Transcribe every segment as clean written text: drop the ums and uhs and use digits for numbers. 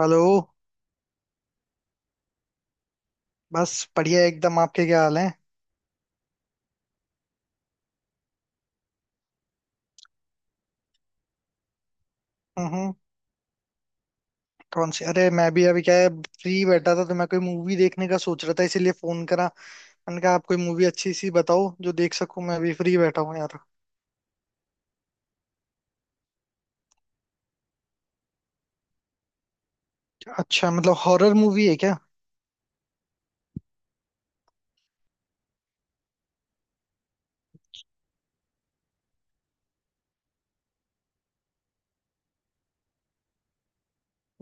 Hello. बस बढ़िया एकदम। आपके क्या हाल है? हम्म कौन सी? अरे मैं भी अभी क्या है, फ्री बैठा था, तो मैं कोई मूवी देखने का सोच रहा था, इसीलिए फोन करा। मैंने कहा आप कोई मूवी अच्छी सी बताओ जो देख सकूं, मैं भी फ्री बैठा हूँ यार। अच्छा, मतलब हॉरर मूवी है क्या?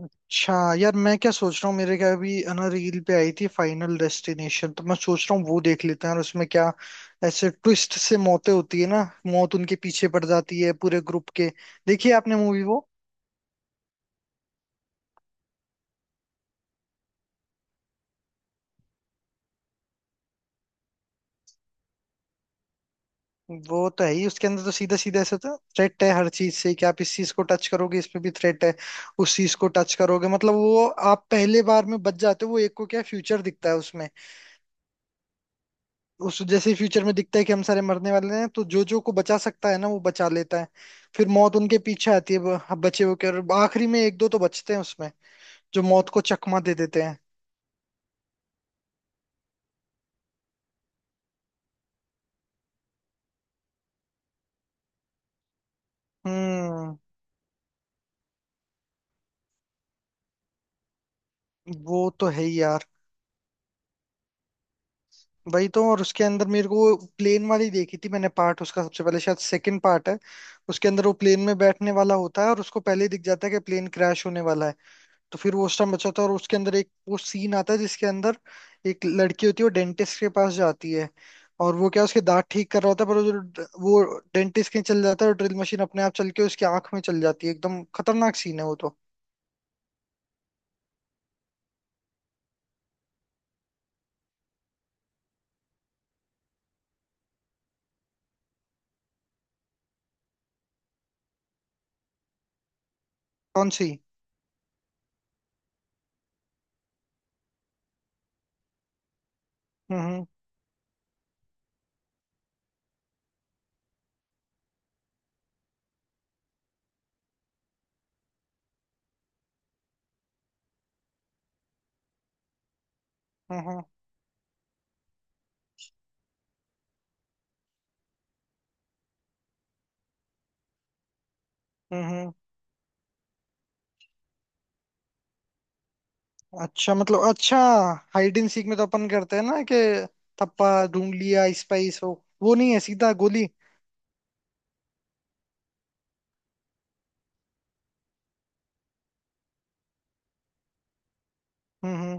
अच्छा यार, मैं क्या सोच रहा हूँ, मेरे क्या अभी है ना, रील पे आई थी फाइनल डेस्टिनेशन, तो मैं सोच रहा हूँ वो देख लेते हैं। और उसमें क्या, ऐसे ट्विस्ट से मौतें होती है ना, मौत उनके पीछे पड़ जाती है पूरे ग्रुप के। देखिए आपने मूवी वो। वो तो है ही, उसके अंदर तो सीधा सीधा ऐसा तो थ्रेट है हर चीज से कि आप इस चीज को टच करोगे, इसमें भी थ्रेट है, उस चीज को टच करोगे, मतलब वो आप पहले बार में बच जाते हो। वो एक को क्या फ्यूचर दिखता है उसमें, उस जैसे फ्यूचर में दिखता है कि हम सारे मरने वाले हैं, तो जो जो को बचा सकता है ना वो बचा लेता है। फिर मौत उनके पीछे आती है, ब- बचे हुए के, और आखिरी में एक दो तो बचते हैं उसमें, जो मौत को चकमा दे देते हैं। हम्म। वो तो है ही यार। वही तो। और उसके अंदर मेरे को प्लेन वाली देखी थी मैंने, पार्ट उसका सबसे पहले, शायद सेकंड पार्ट है। उसके अंदर वो प्लेन में बैठने वाला होता है, और उसको पहले ही दिख जाता है कि प्लेन क्रैश होने वाला है। तो फिर वो उस टाइम बचाता है, और उसके अंदर एक वो सीन आता है जिसके अंदर एक लड़की होती है, वो डेंटिस्ट के पास जाती है, और वो क्या उसके दांत ठीक कर रहा होता है, पर वो जो वो डेंटिस्ट के चल जाता है और ड्रिल मशीन अपने आप चल के उसकी आंख में चल जाती है। एकदम खतरनाक सीन है वो तो। कौन सी? हम्म हम्म हम्म हम्म हम्म। अच्छा, मतलब अच्छा। हाइड एंड सीक में तो अपन करते हैं ना कि थप्पा ढूंढ लिया, स्पाइस हो, वो नहीं है, सीधा गोली। हम्म हम्म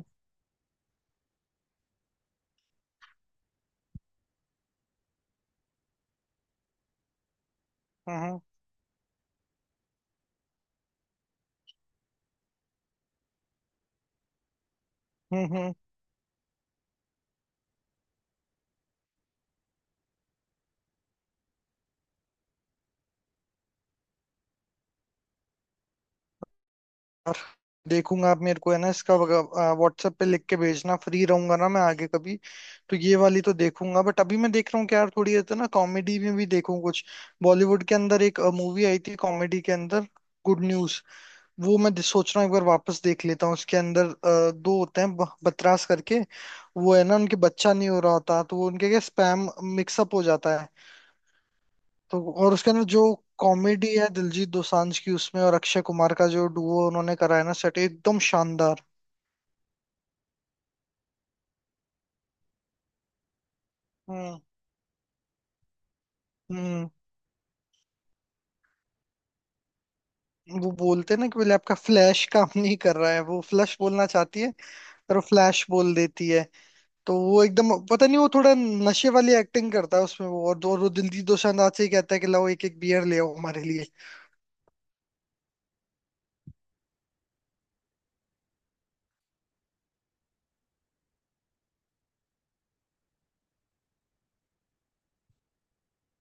हम्म हम्म हम्म। हम्म, और देखूंगा। आप मेरे को है ना इसका व्हाट्सएप पे लिख के भेजना, फ्री रहूंगा ना मैं आगे कभी, तो ये वाली तो देखूंगा। बट अभी मैं देख रहा हूँ कि यार थोड़ी है तो ना कॉमेडी में भी देखूं कुछ। बॉलीवुड के अंदर एक मूवी आई थी कॉमेडी के अंदर, गुड न्यूज। वो मैं सोच रहा हूँ एक बार वापस देख लेता हूँ। उसके अंदर दो होते हैं, ब- बतरास करके, वो है ना, उनके बच्चा नहीं हो रहा होता, तो वो उनके क्या स्पैम मिक्सअप हो जाता है। तो और उसके अंदर जो कॉमेडी है दिलजीत दोसांझ की उसमें, और अक्षय कुमार का जो डुओ उन्होंने करा है ना, सेट एकदम शानदार। हम्म हम्म वो बोलते हैं ना कि बोले आपका फ्लैश काम नहीं कर रहा है, वो फ्लश बोलना चाहती है पर वो फ्लैश बोल देती है। तो वो एकदम, पता नहीं, वो थोड़ा नशे वाली एक्टिंग करता है उसमें वो। और दो वो दिलजीत दोसांझ से ही कहता है कि लाओ एक एक बियर ले आओ हमारे लिए।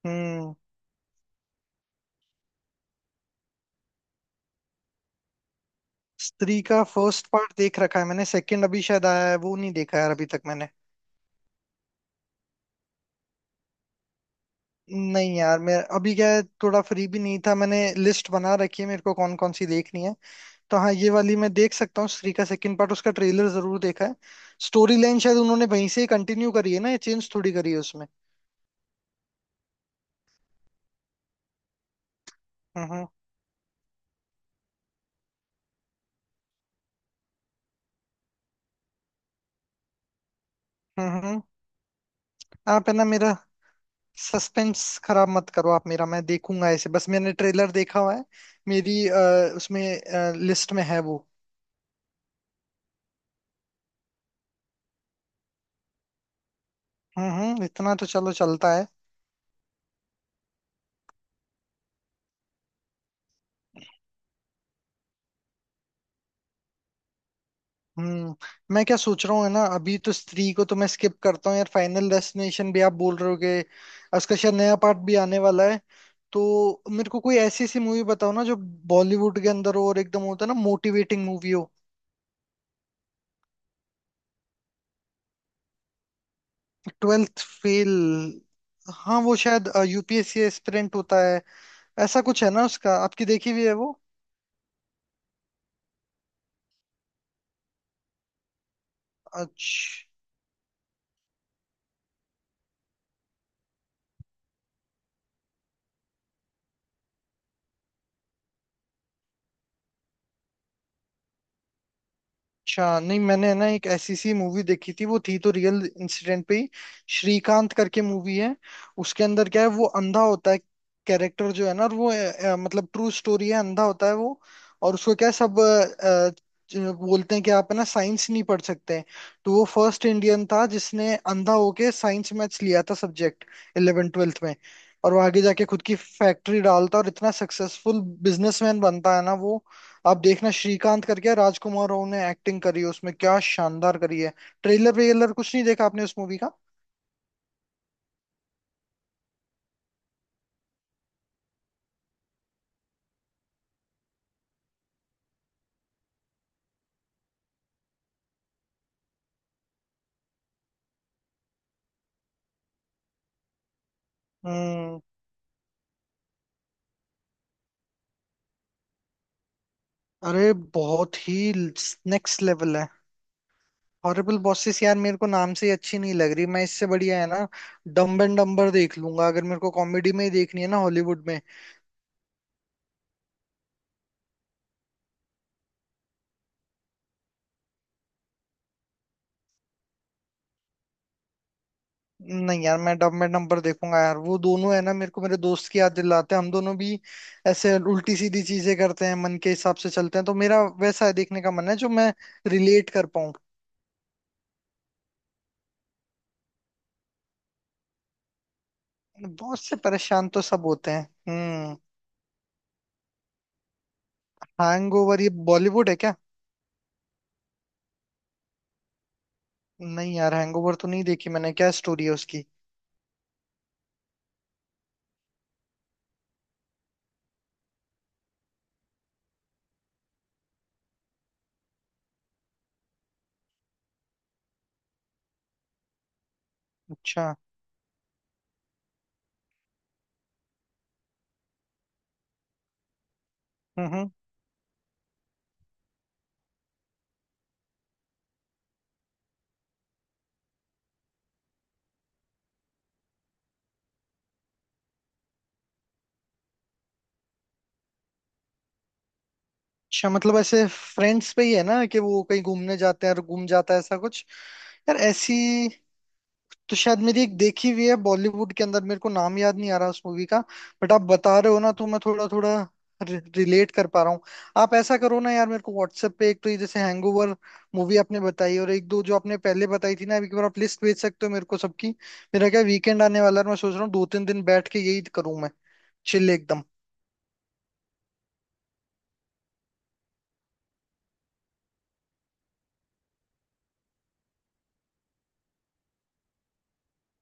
हम्म स्त्री का फर्स्ट पार्ट देख रखा है मैंने, सेकंड अभी शायद आया है, वो नहीं देखा यार अभी तक मैंने। नहीं यार मैं अभी क्या है, थोड़ा फ्री भी नहीं था। मैंने लिस्ट बना रखी है मेरे को कौन कौन सी देखनी है। तो हाँ, ये वाली मैं देख सकता हूँ, स्त्री का सेकंड पार्ट, उसका ट्रेलर जरूर देखा है। स्टोरी लाइन शायद उन्होंने वहीं से ही कंटिन्यू करी है ना, ये चेंज थोड़ी करी है उसमें। हम्म हम्म हम्म हम्म। आप है ना मेरा सस्पेंस खराब मत करो आप मेरा, मैं देखूंगा ऐसे, बस मैंने ट्रेलर देखा हुआ है। मेरी उसमें लिस्ट में है वो। हम्म, इतना तो चलो चलता है। हम्म मैं क्या सोच रहा हूँ है ना, अभी तो स्त्री को तो मैं स्किप करता हूँ यार। फाइनल डेस्टिनेशन भी आप बोल रहे हो कि उसका शायद नया पार्ट भी आने वाला है, तो मेरे को कोई ऐसी सी मूवी बताओ ना जो बॉलीवुड के अंदर हो, और एकदम होता है ना मोटिवेटिंग मूवी हो। Twelfth fail. हाँ, वो शायद यूपीएससी एस्पिरेंट होता है, ऐसा कुछ है ना उसका। आपकी देखी हुई है वो? अच्छा। अच्छा, नहीं मैंने ना एक ऐसी सी मूवी देखी थी, वो थी तो रियल इंसिडेंट पे ही, श्रीकांत करके मूवी है। उसके अंदर क्या है, वो अंधा होता है, कैरेक्टर जो है ना, और वो मतलब ट्रू स्टोरी है, अंधा होता है वो, और उसको क्या है, सब अ, जो बोलते हैं कि आप है ना साइंस नहीं पढ़ सकते हैं, तो वो फर्स्ट इंडियन था जिसने अंधा होके साइंस मैथ्स लिया था सब्जेक्ट इलेवन ट्वेल्थ में। और वो आगे जाके खुद की फैक्ट्री डालता और इतना सक्सेसफुल बिजनेसमैन बनता है ना वो। आप देखना, श्रीकांत करके है, राजकुमार राव ने एक्टिंग करी है उसमें, क्या शानदार करी है। ट्रेलर वेलर कुछ नहीं देखा आपने उस मूवी का? हम्म अरे बहुत ही नेक्स्ट लेवल है। हॉरिबल बॉसेस यार मेरे को नाम से ही अच्छी नहीं लग रही। मैं इससे बढ़िया है ना डम्ब एंड डम्बर देख लूंगा, अगर मेरे को कॉमेडी में ही देखनी है ना हॉलीवुड में। नहीं यार मैं डम्ब एंड डम्बर देखूंगा यार। वो दोनों है ना मेरे को मेरे दोस्त की याद दिलाते हैं, हम दोनों भी ऐसे उल्टी सीधी चीजें करते हैं, मन के हिसाब से चलते हैं, तो मेरा वैसा देखने का मन है जो मैं रिलेट कर पाऊं। बॉस से परेशान तो सब होते हैं। हम्म हैंगओवर? ये बॉलीवुड है क्या? नहीं यार, हैंगओवर तो नहीं देखी मैंने। क्या स्टोरी है उसकी? अच्छा। हम्म हम्म अच्छा, मतलब ऐसे फ्रेंड्स पे ही है ना, कि वो कहीं घूमने जाते हैं और घूम जाता है, ऐसा कुछ। यार ऐसी तो शायद मेरी एक देखी हुई है बॉलीवुड के अंदर, मेरे को नाम याद नहीं आ रहा उस मूवी का, बट आप बता रहे हो ना तो मैं थोड़ा थोड़ा रिलेट कर पा रहा हूँ। आप ऐसा करो ना यार, मेरे को व्हाट्सएप पे, एक तो ये जैसे हैंगओवर मूवी आपने बताई, और एक दो जो आपने पहले बताई थी ना, एक बार आप लिस्ट भेज सकते हो मेरे को सबकी। मेरा क्या वीकेंड आने वाला है, मैं सोच रहा हूँ दो तीन दिन बैठ के यही करूँ मैं, चिल एकदम।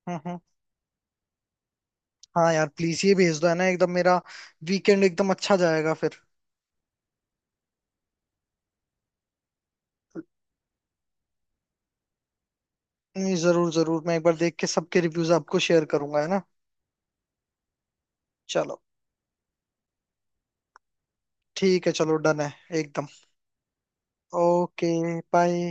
हम्म हम्म हाँ यार प्लीज ये भेज दो है ना, एकदम मेरा वीकेंड एकदम अच्छा जाएगा फिर। नहीं जरूर जरूर, मैं एक बार देख के सबके रिव्यूज आपको शेयर करूंगा है ना। चलो। ठीक है चलो, डन है एकदम। ओके। बाय।